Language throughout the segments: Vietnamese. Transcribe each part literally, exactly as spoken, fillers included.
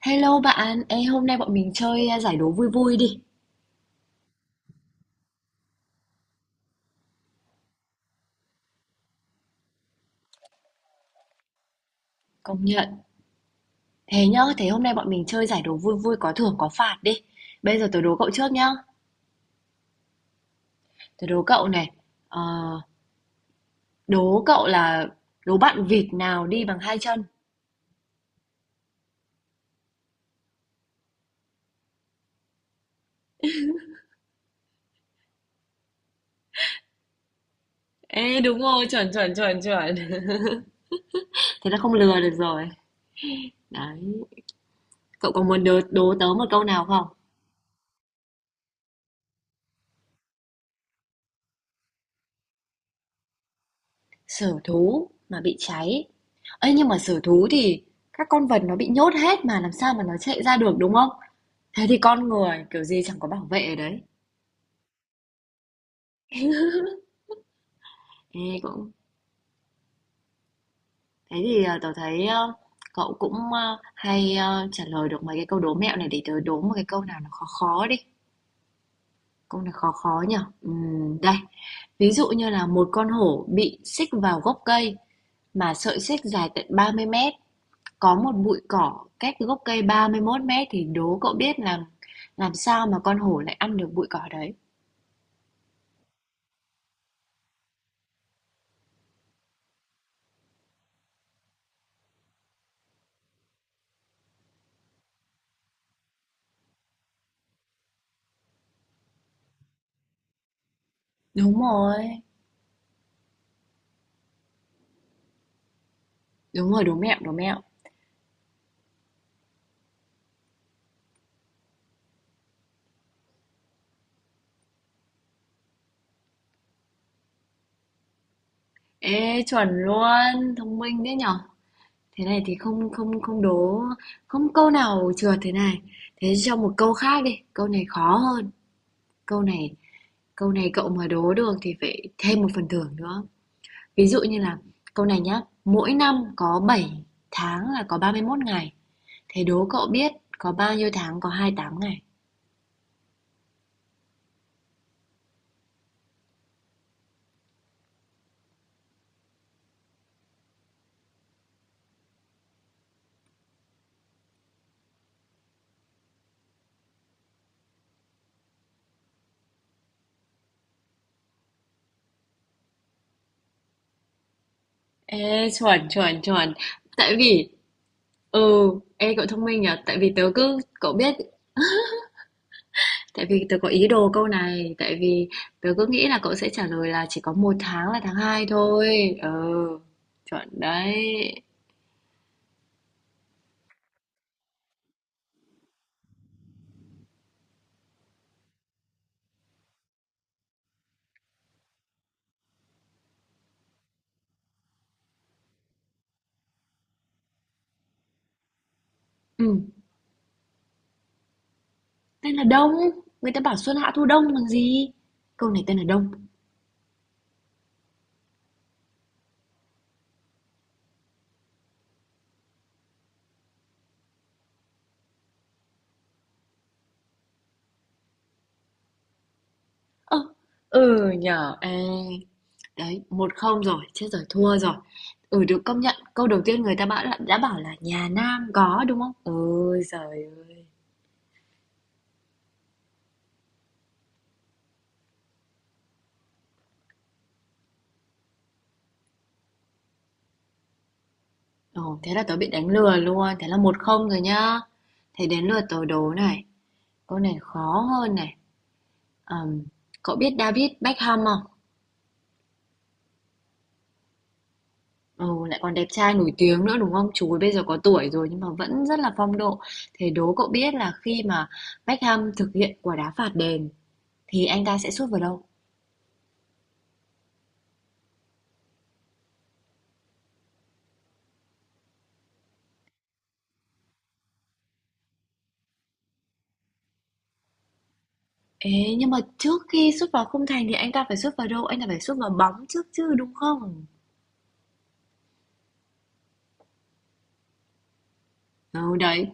Hello bạn. Ê, hôm nay bọn mình chơi à, giải đố vui vui đi. Công nhận. Thế nhá, thế hôm nay bọn mình chơi giải đố vui vui có thưởng có phạt đi. Bây giờ tớ đố cậu trước nhá. Tớ đố cậu này. Ờ, đố cậu là đố bạn vịt nào đi bằng hai chân. Ê đúng rồi, chuẩn chuẩn chuẩn chuẩn. Thế là không lừa được rồi. Đấy. Cậu có muốn đố, đố tớ một câu nào không? Sở thú mà bị cháy. Ê, nhưng mà sở thú thì các con vật nó bị nhốt hết mà làm sao mà nó chạy ra được đúng không? Thế thì con người kiểu gì chẳng có bảo vệ ở đấy. Ê, cũng thế thì ờ, tớ thấy ờ, cậu cũng ờ, hay ờ, trả lời được mấy cái câu đố mẹo này để tớ đố một cái câu nào nó khó khó đi. Câu này khó khó nhở? Ừm, đây, ví dụ như là một con hổ bị xích vào gốc cây mà sợi xích dài tận ba mươi mét, có một bụi cỏ cách gốc cây ba mươi mốt mét thì đố cậu biết là làm sao mà con hổ lại ăn được bụi cỏ đấy. Đúng rồi, đúng rồi, đố mẹo, đố mẹo. Ê chuẩn luôn, thông minh đấy nhở. Thế này thì không không không đố không câu nào trượt thế này. Thế cho một câu khác đi, câu này khó hơn. Câu này câu này cậu mà đố được thì phải thêm một phần thưởng nữa. Ví dụ như là câu này nhá, mỗi năm có bảy tháng là có ba mươi mốt ngày. Thế đố cậu biết có bao nhiêu tháng có hai mươi tám ngày. Ê chuẩn chuẩn chuẩn. Tại vì ừ, ê cậu thông minh nhở, tại vì tớ cứ cậu biết tại vì tớ có ý đồ câu này, tại vì tớ cứ nghĩ là cậu sẽ trả lời là chỉ có một tháng là tháng hai thôi. Ờ, chuẩn đấy. Ừ, tên là Đông. Người ta bảo xuân hạ thu đông bằng gì? Câu này tên là Đông. Ơ, ừ nhở, ê. Đấy, một không rồi, chết rồi, thua rồi. Ừ, được công nhận. Câu đầu tiên người ta bảo là, đã bảo là nhà Nam có đúng không? Ôi giời ơi. Ồ, thế là tớ bị đánh lừa luôn. Thế là một không rồi nhá. Thế đến lượt tớ đố này. Câu này khó hơn này. Ờm, cậu biết David Beckham không? Ừ, lại còn đẹp trai nổi tiếng nữa đúng không? Chú ấy bây giờ có tuổi rồi nhưng mà vẫn rất là phong độ. Thế đố cậu biết là khi mà Beckham thực hiện quả đá phạt đền thì anh ta sẽ sút vào đâu? Ê, nhưng mà trước khi sút vào khung thành thì anh ta phải sút vào đâu? Anh ta phải sút vào bóng trước chứ đúng không? Ừ, đấy,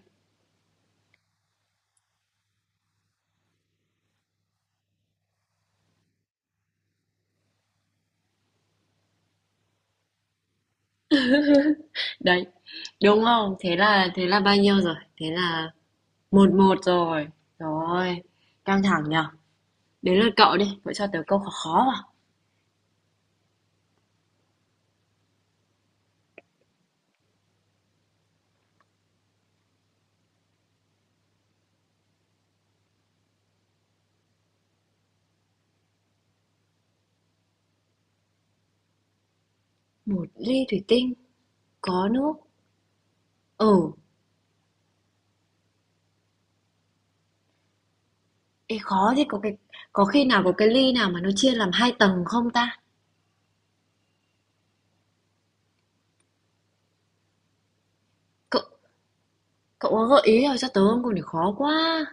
đấy. Đúng không? Thế là thế là bao nhiêu rồi? Thế là một một rồi. Rồi, căng thẳng nhở? Đến lượt cậu đi, cậu cho tớ câu khó khó vào. Một ly thủy tinh có nước. Ừ, ê khó thế có cái có khi nào có cái ly nào mà nó chia làm hai tầng không ta? Cậu cậu có gợi ý nào cho tớ không? Còn để khó quá.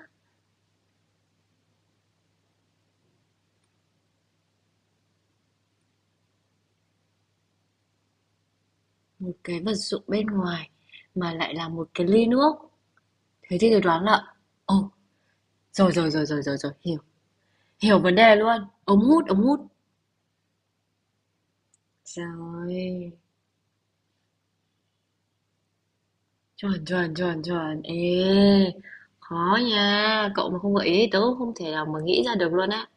Một cái vật dụng bên ngoài mà lại là một cái ly nước. Thế thì tôi đoán là Ồ, rồi rồi rồi rồi rồi rồi, hiểu. Hiểu vấn đề luôn. Ống hút, ống hút. Rồi. Chuẩn chuẩn chuẩn chuẩn. Ê, khó nha. Cậu mà không gợi ý thì tớ cũng không thể nào mà nghĩ ra được luôn á.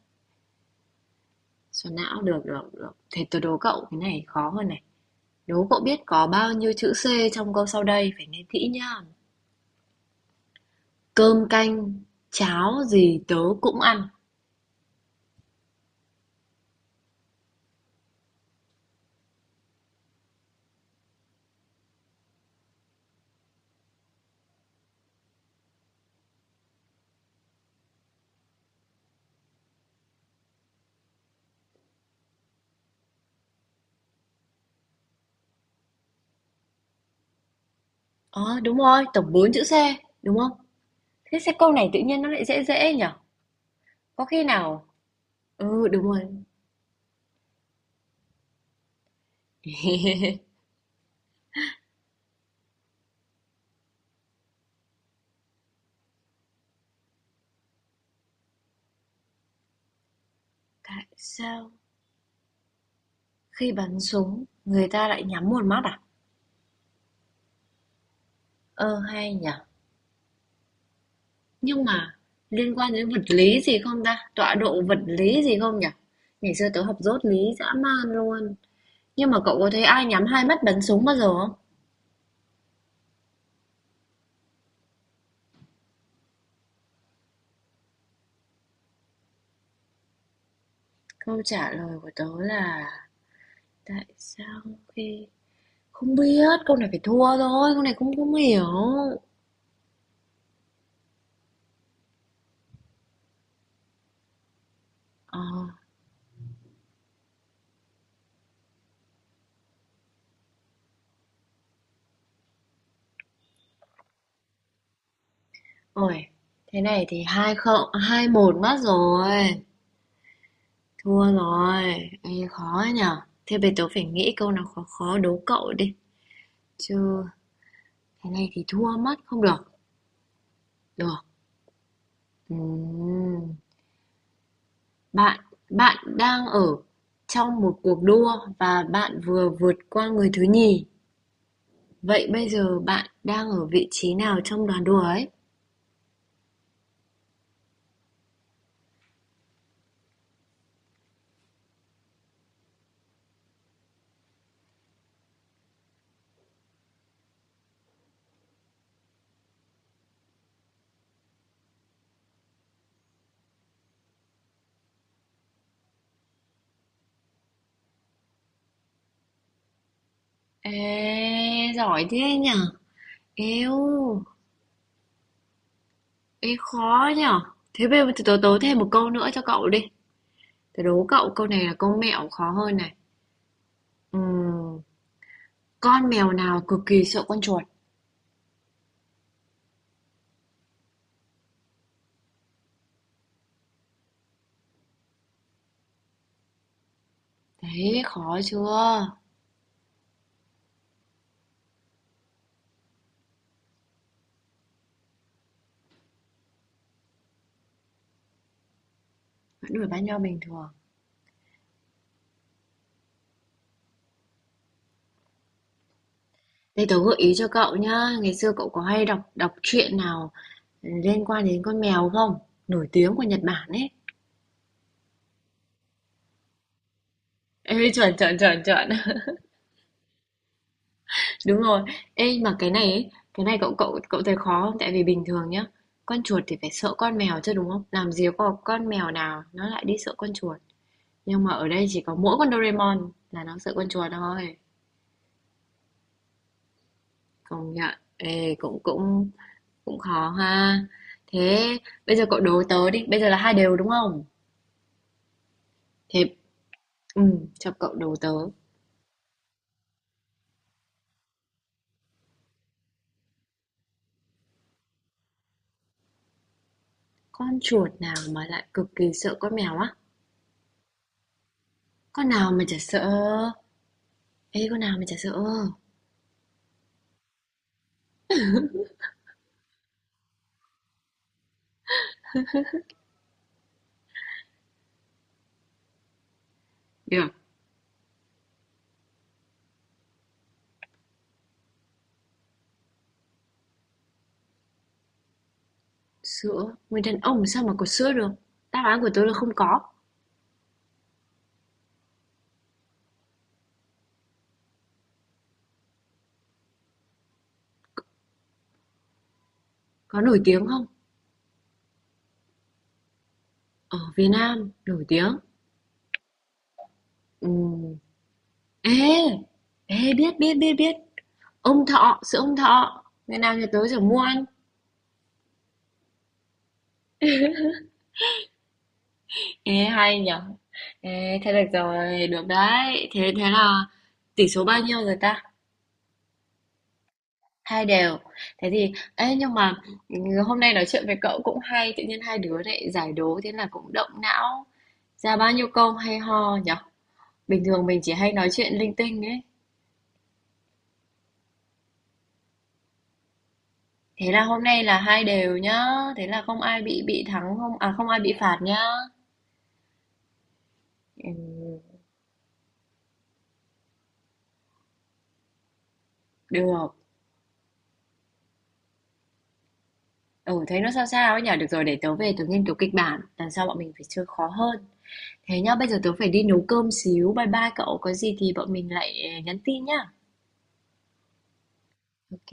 Xoắn não, được, được, được. Thế tôi đố cậu cái này khó hơn này. Đố cậu biết có bao nhiêu chữ C trong câu sau đây, phải nghe kỹ nhá. Cơm canh, cháo gì tớ cũng ăn. Ờ, à, đúng rồi, tổng bốn chữ C, đúng không? Thế sẽ câu này tự nhiên nó lại dễ dễ nhở? Có khi nào... Ừ, đúng rồi. Tại sao khi bắn súng người ta lại nhắm một mắt à? Ờ, hay nhở. Nhưng mà liên quan đến vật lý gì không ta? Tọa độ vật lý gì không nhở? Ngày xưa tớ học dốt lý dã man luôn. Nhưng mà cậu có thấy ai nhắm hai mắt bắn súng bao giờ không? Câu trả lời của tớ là tại sao khi không biết, câu này phải thua thôi, câu này cũng không hiểu. Ờ, ôi, thế này thì hai không, hai một mất rồi, thua rồi. Ê, khó nhở. Thế bây tớ phải nghĩ câu nào khó khó đố cậu đi, chứ thế này thì thua mất không được. Được. Ừm, Bạn, bạn đang ở trong một cuộc đua và bạn vừa vượt qua người thứ nhì. Vậy bây giờ bạn đang ở vị trí nào trong đoàn đua ấy? Ê, giỏi thế nhở? Eo, ê khó nhở? Thế bây giờ tớ, tớ tớ thêm một câu nữa cho cậu đi. Tớ đố cậu câu này là câu mẹo khó hơn này. Ừm, con mèo nào cực kỳ sợ con chuột? Đấy, khó chưa? Vẫn đuổi bắt nhau bình thường. Đây tớ gợi ý cho cậu nhá. Ngày xưa cậu có hay đọc đọc truyện nào liên quan đến con mèo không? Nổi tiếng của Nhật Bản ấy. Ê, chuẩn chuẩn chuẩn chuẩn. Đúng rồi. Ê, mà cái này ấy, cái này cậu cậu cậu thấy khó không? Tại vì bình thường nhá, con chuột thì phải sợ con mèo chứ đúng không? Làm gì có con mèo nào nó lại đi sợ con chuột. Nhưng mà ở đây chỉ có mỗi con Doraemon là nó sợ con chuột thôi. Công nhận. Ê, cũng cũng cũng khó ha. Thế bây giờ cậu đố tớ đi, bây giờ là hai đều đúng không? Thế ừ, cho cậu đố tớ. Con chuột nào mà lại cực kỳ sợ con mèo á? Con nào mà chả sợ? Ê, con nào mà chả sợ? Được. Sữa, người đàn ông sao mà có sữa được? Đáp án của tôi là không có. Có nổi tiếng không? Ở Việt Nam, nổi tiếng. Ừm. Ê, ê, biết, biết, biết, biết. Ông Thọ, sữa ông Thọ. Ngày nào nhà tớ sẽ mua ăn. Ê, hay nhở? Ê, thế được rồi, được đấy. Thế thế là tỷ số bao nhiêu rồi ta? Hai đều. Thế thì, ê, nhưng mà ừ, hôm nay nói chuyện với cậu cũng hay. Tự nhiên hai đứa lại giải đố, thế là cũng động não. Ra bao nhiêu câu hay ho nhở? Bình thường mình chỉ hay nói chuyện linh tinh ấy. Thế là hôm nay là hai đều nhá. Thế là không ai bị bị thắng không à không ai bị phạt nhá. Ừm, được. Ừ thấy nó sao sao ấy nhở. Được rồi để tớ về tớ nghiên cứu kịch bản. Lần sau bọn mình phải chơi khó hơn. Thế nhá, bây giờ tớ phải đi nấu cơm xíu. Bye bye cậu. Có gì thì bọn mình lại ờ, nhắn tin nhá. Ok.